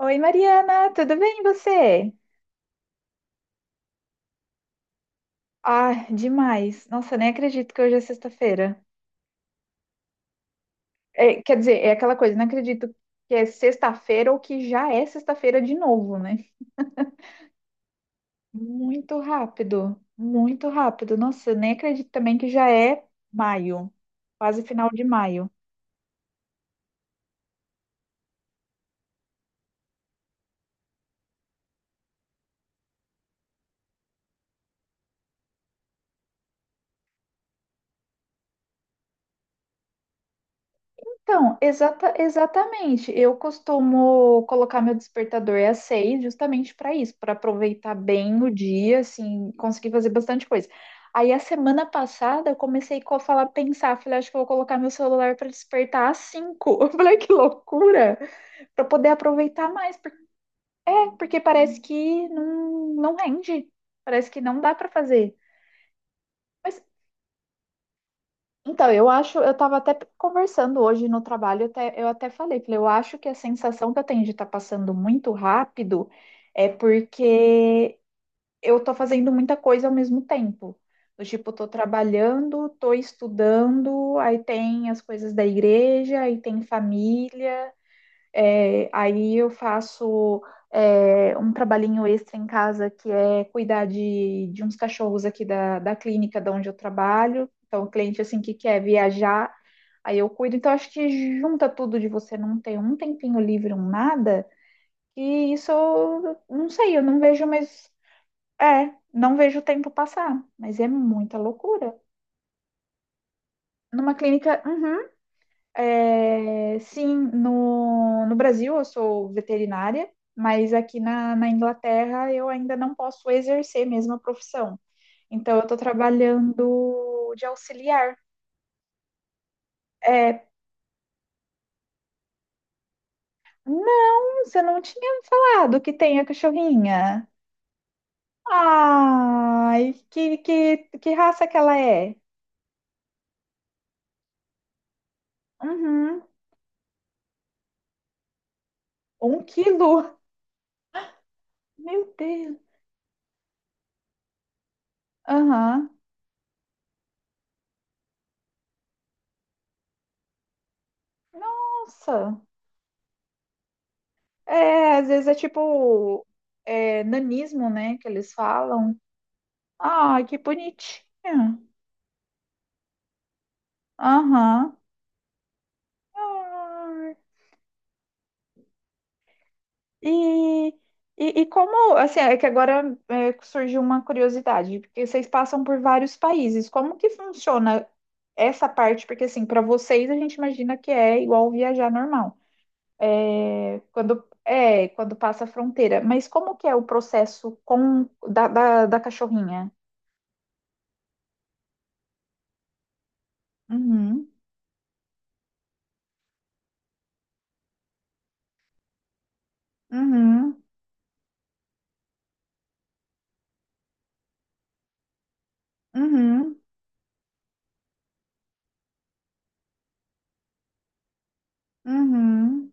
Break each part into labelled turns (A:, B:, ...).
A: Oi, Mariana, tudo bem e você? Ah, demais. Nossa, nem acredito que hoje é sexta-feira. É, quer dizer, é aquela coisa, não acredito que é sexta-feira ou que já é sexta-feira de novo, né? Muito rápido, muito rápido. Nossa, eu nem acredito também que já é maio, quase final de maio. Então, exatamente. Eu costumo colocar meu despertador às seis, justamente para isso, para aproveitar bem o dia, assim, conseguir fazer bastante coisa. Aí, a semana passada, eu comecei a falar, pensar, falei, acho que eu vou colocar meu celular para despertar às cinco. Eu falei, que loucura! Para poder aproveitar mais, porque, parece que não, não rende, parece que não dá para fazer. Mas Então, eu acho, eu estava até conversando hoje no trabalho, eu até falei, eu acho que a sensação que eu tenho de estar passando muito rápido é porque eu estou fazendo muita coisa ao mesmo tempo. Do tipo, estou trabalhando, estou estudando, aí tem as coisas da igreja, aí tem família. É, aí eu faço um trabalhinho extra em casa que é cuidar de uns cachorros aqui da clínica de onde eu trabalho. Então, o cliente assim que quer viajar, aí eu cuido. Então, acho que junta tudo de você não ter um tempinho livre, um nada, e isso eu não sei, eu não vejo, mas não vejo o tempo passar, mas é muita loucura. Numa clínica, uhum, é, sim, no Brasil eu sou veterinária, mas aqui na Inglaterra eu ainda não posso exercer mesmo a profissão. Então eu estou trabalhando de auxiliar. É, não, você não tinha me falado que tem a cachorrinha. Ai, que raça que ela é? Uhum, 1 quilo. Meu Deus. Aham. Nossa. É, às vezes é tipo nanismo, né? Que eles falam. Ai, que bonitinha. Aham. Ai. E, e como, assim, é que agora surgiu uma curiosidade, porque vocês passam por vários países. Como que funciona essa parte? Porque, assim, para vocês a gente imagina que é igual viajar normal. É, quando passa a fronteira. Mas como que é o processo da cachorrinha? Uhum. Uhum. Uhum, uhum.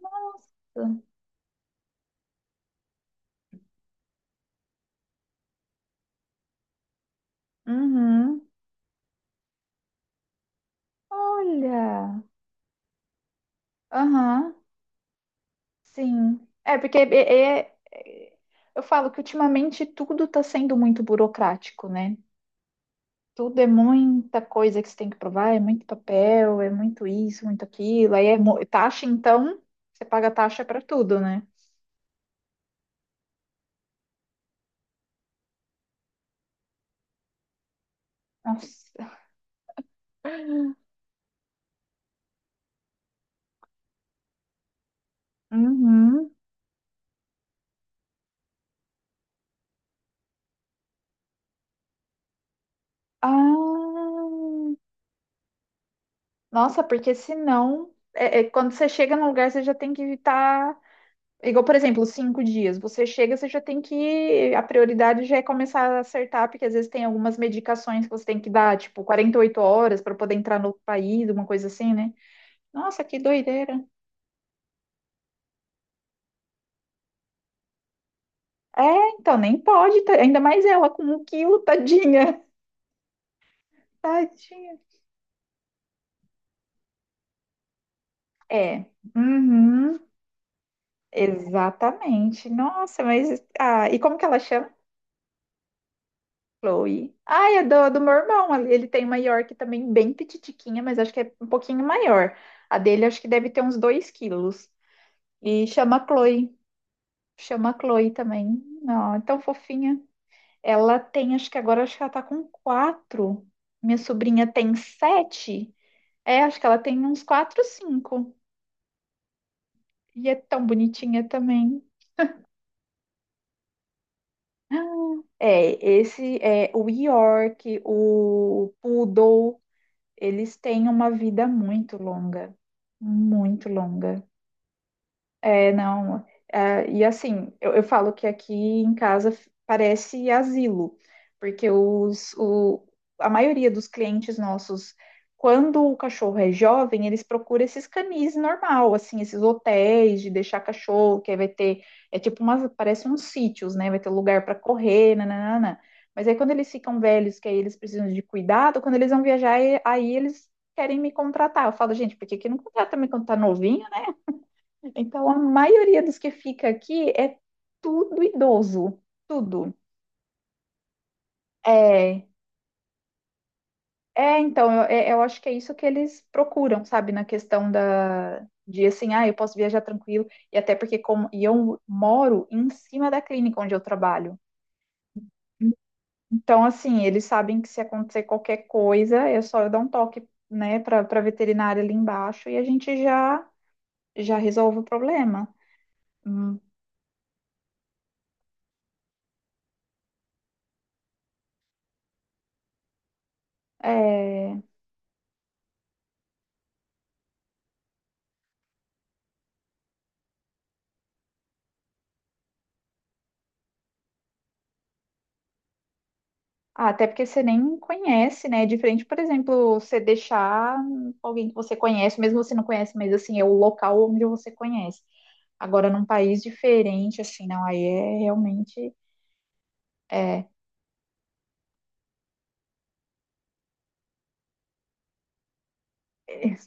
A: Nossa. Uhum. Olha. Aham, sim. É, porque é- é- eu falo que ultimamente tudo está sendo muito burocrático, né? Tudo é muita coisa que você tem que provar, é muito papel, é muito isso, muito aquilo. Aí é taxa, então você paga taxa para tudo, né? Nossa. Uhum. Ah, nossa, porque senão, quando você chega num lugar, você já tem que evitar. Igual, por exemplo, 5 dias. Você chega, você já tem que. A prioridade já é começar a acertar, porque às vezes tem algumas medicações que você tem que dar, tipo, 48 horas para poder entrar no outro país, uma coisa assim, né? Nossa, que doideira. É, então, nem pode, ainda mais ela com 1 quilo, tadinha. Tadinha. É. Uhum, exatamente. Nossa, mas. Ah, e como que ela chama? Chloe. Ah, é do meu irmão. Ele tem uma York também bem petitiquinha, mas acho que é um pouquinho maior. A dele acho que deve ter uns 2 quilos. E chama Chloe. Chama Chloe também. Não, é tão fofinha. Ela tem, acho que ela tá com quatro. Minha sobrinha tem sete. É, acho que ela tem uns quatro, cinco. E é tão bonitinha também. Ah, é, esse é o York, o Poodle. Eles têm uma vida muito longa, muito longa. É, não. E assim, eu falo que aqui em casa parece asilo, porque a maioria dos clientes nossos, quando o cachorro é jovem, eles procuram esses canis normal, assim, esses hotéis de deixar cachorro, que aí vai ter, é tipo parece uns sítios, né? Vai ter lugar para correr, nananana. Mas aí quando eles ficam velhos, que aí eles precisam de cuidado, quando eles vão viajar, aí eles querem me contratar. Eu falo, gente, por que que não contrata me quando tá novinho? Então, a maioria dos que fica aqui é tudo idoso, tudo. É, é então, eu acho que é isso que eles procuram, sabe, na questão de assim, ah, eu posso viajar tranquilo, e até porque e eu moro em cima da clínica onde eu trabalho. Então, assim, eles sabem que se acontecer qualquer coisa, é só eu dar um toque, né, para veterinária ali embaixo e a gente já resolve o problema. Hum, é. Ah, até porque você nem conhece, né? É diferente, por exemplo, você deixar alguém que você conhece, mesmo você não conhece, mas assim, é o local onde você conhece. Agora, num país diferente, assim, não, aí é realmente. É, é,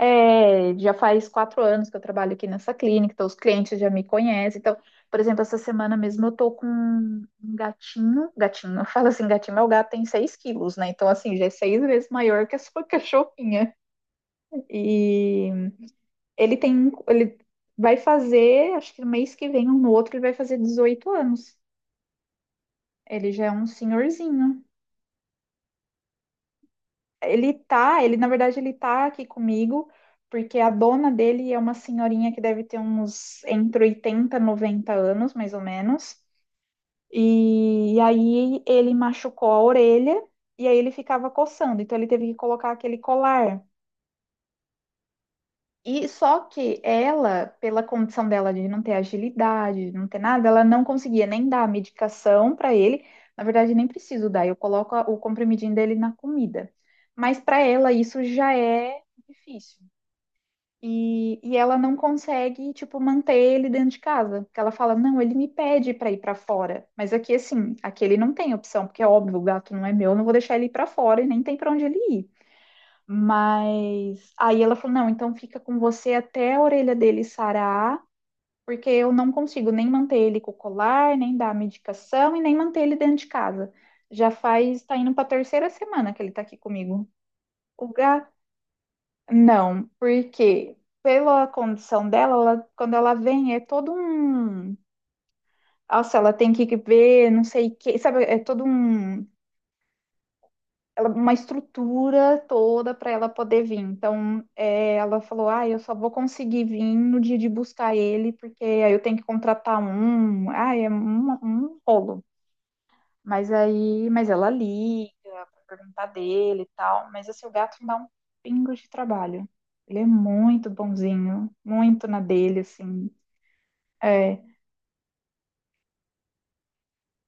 A: é, já faz 4 anos que eu trabalho aqui nessa clínica, então os clientes já me conhecem. Então, por exemplo, essa semana mesmo eu tô com um gatinho, gatinho, eu falo assim, gatinho, meu gato tem 6 quilos, né? Então, assim, já é 6 vezes maior que a sua cachorrinha. E ele vai fazer, acho que no mês que vem ou no outro, ele vai fazer 18 anos. Ele já é um senhorzinho. Ele na verdade ele tá aqui comigo, porque a dona dele é uma senhorinha que deve ter uns entre 80, e 90 anos, mais ou menos. E aí ele machucou a orelha e aí ele ficava coçando, então ele teve que colocar aquele colar. E só que ela, pela condição dela de não ter agilidade, de não ter nada, ela não conseguia nem dar a medicação para ele. Na verdade, nem preciso dar, eu coloco o comprimidinho dele na comida. Mas para ela isso já é difícil. E ela não consegue, tipo, manter ele dentro de casa. Porque ela fala, não, ele me pede para ir para fora. Mas aqui, assim, aqui ele não tem opção, porque é óbvio, o gato não é meu, eu não vou deixar ele ir para fora e nem tem para onde ele ir. Mas aí ela falou: não, então fica com você até a orelha dele sarar, porque eu não consigo nem manter ele com o colar, nem dar a medicação e nem manter ele dentro de casa. Tá indo para a terceira semana que ele tá aqui comigo. O gato, não, porque pela condição dela, quando ela vem, é todo um. Nossa, ela tem que ver, não sei o que, sabe? É todo uma estrutura toda para ela poder vir. Então, ela falou: Ah, eu só vou conseguir vir no dia de buscar ele, porque aí eu tenho que contratar um. Ah, é um rolo. Mas aí, ela liga para perguntar dele e tal. Mas assim, o gato não dá um pingo de trabalho. Ele é muito bonzinho, muito na dele, assim. É,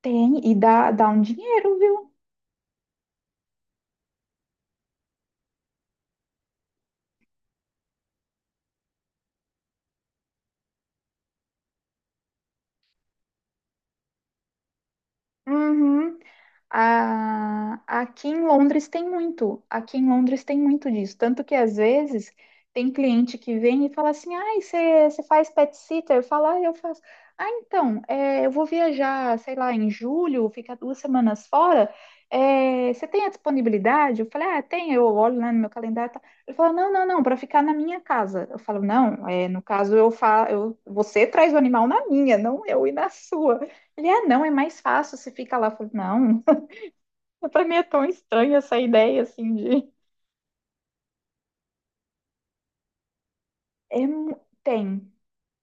A: tem, e dá um dinheiro, viu? Uhum. Aqui em Londres tem muito, aqui em Londres tem muito disso. Tanto que às vezes tem cliente que vem e fala assim: ai, você faz pet sitter? Eu falo, ah, eu faço. Ah, então, eu vou viajar, sei lá, em julho, ficar 2 semanas fora. Você tem a disponibilidade? Eu falei, ah, tem, eu olho lá no meu calendário. E tal." Ele fala, não, não, não, para ficar na minha casa. Eu falo, não, no caso eu falo, você traz o animal na minha, não eu ir na sua. Ele, ah, não, é mais fácil, você fica lá. Eu falo, não. Pra mim é tão estranha essa ideia, assim, de. É tem.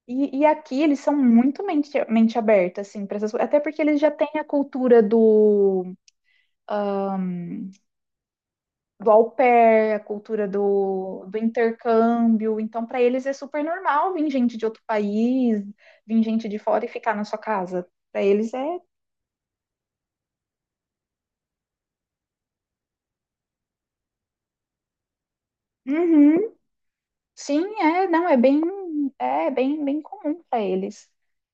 A: E aqui eles são muito mente aberta, assim, para essas coisas. Até porque eles já têm a cultura ah, do au pair, a cultura do intercâmbio. Então, para eles é super normal vir gente de outro país, vir gente de fora e ficar na sua casa. Para eles é. Uhum. Sim, não, é bem, bem comum para eles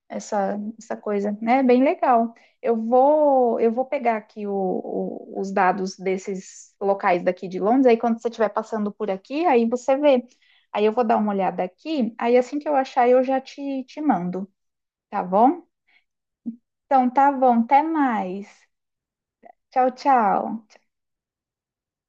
A: essa coisa, né? É bem legal. Eu vou pegar aqui os dados desses locais daqui de Londres, aí quando você estiver passando por aqui, aí você vê. Aí eu vou dar uma olhada aqui, aí assim que eu achar eu já te, mando, tá bom? Então tá bom, até mais. Tchau, tchau.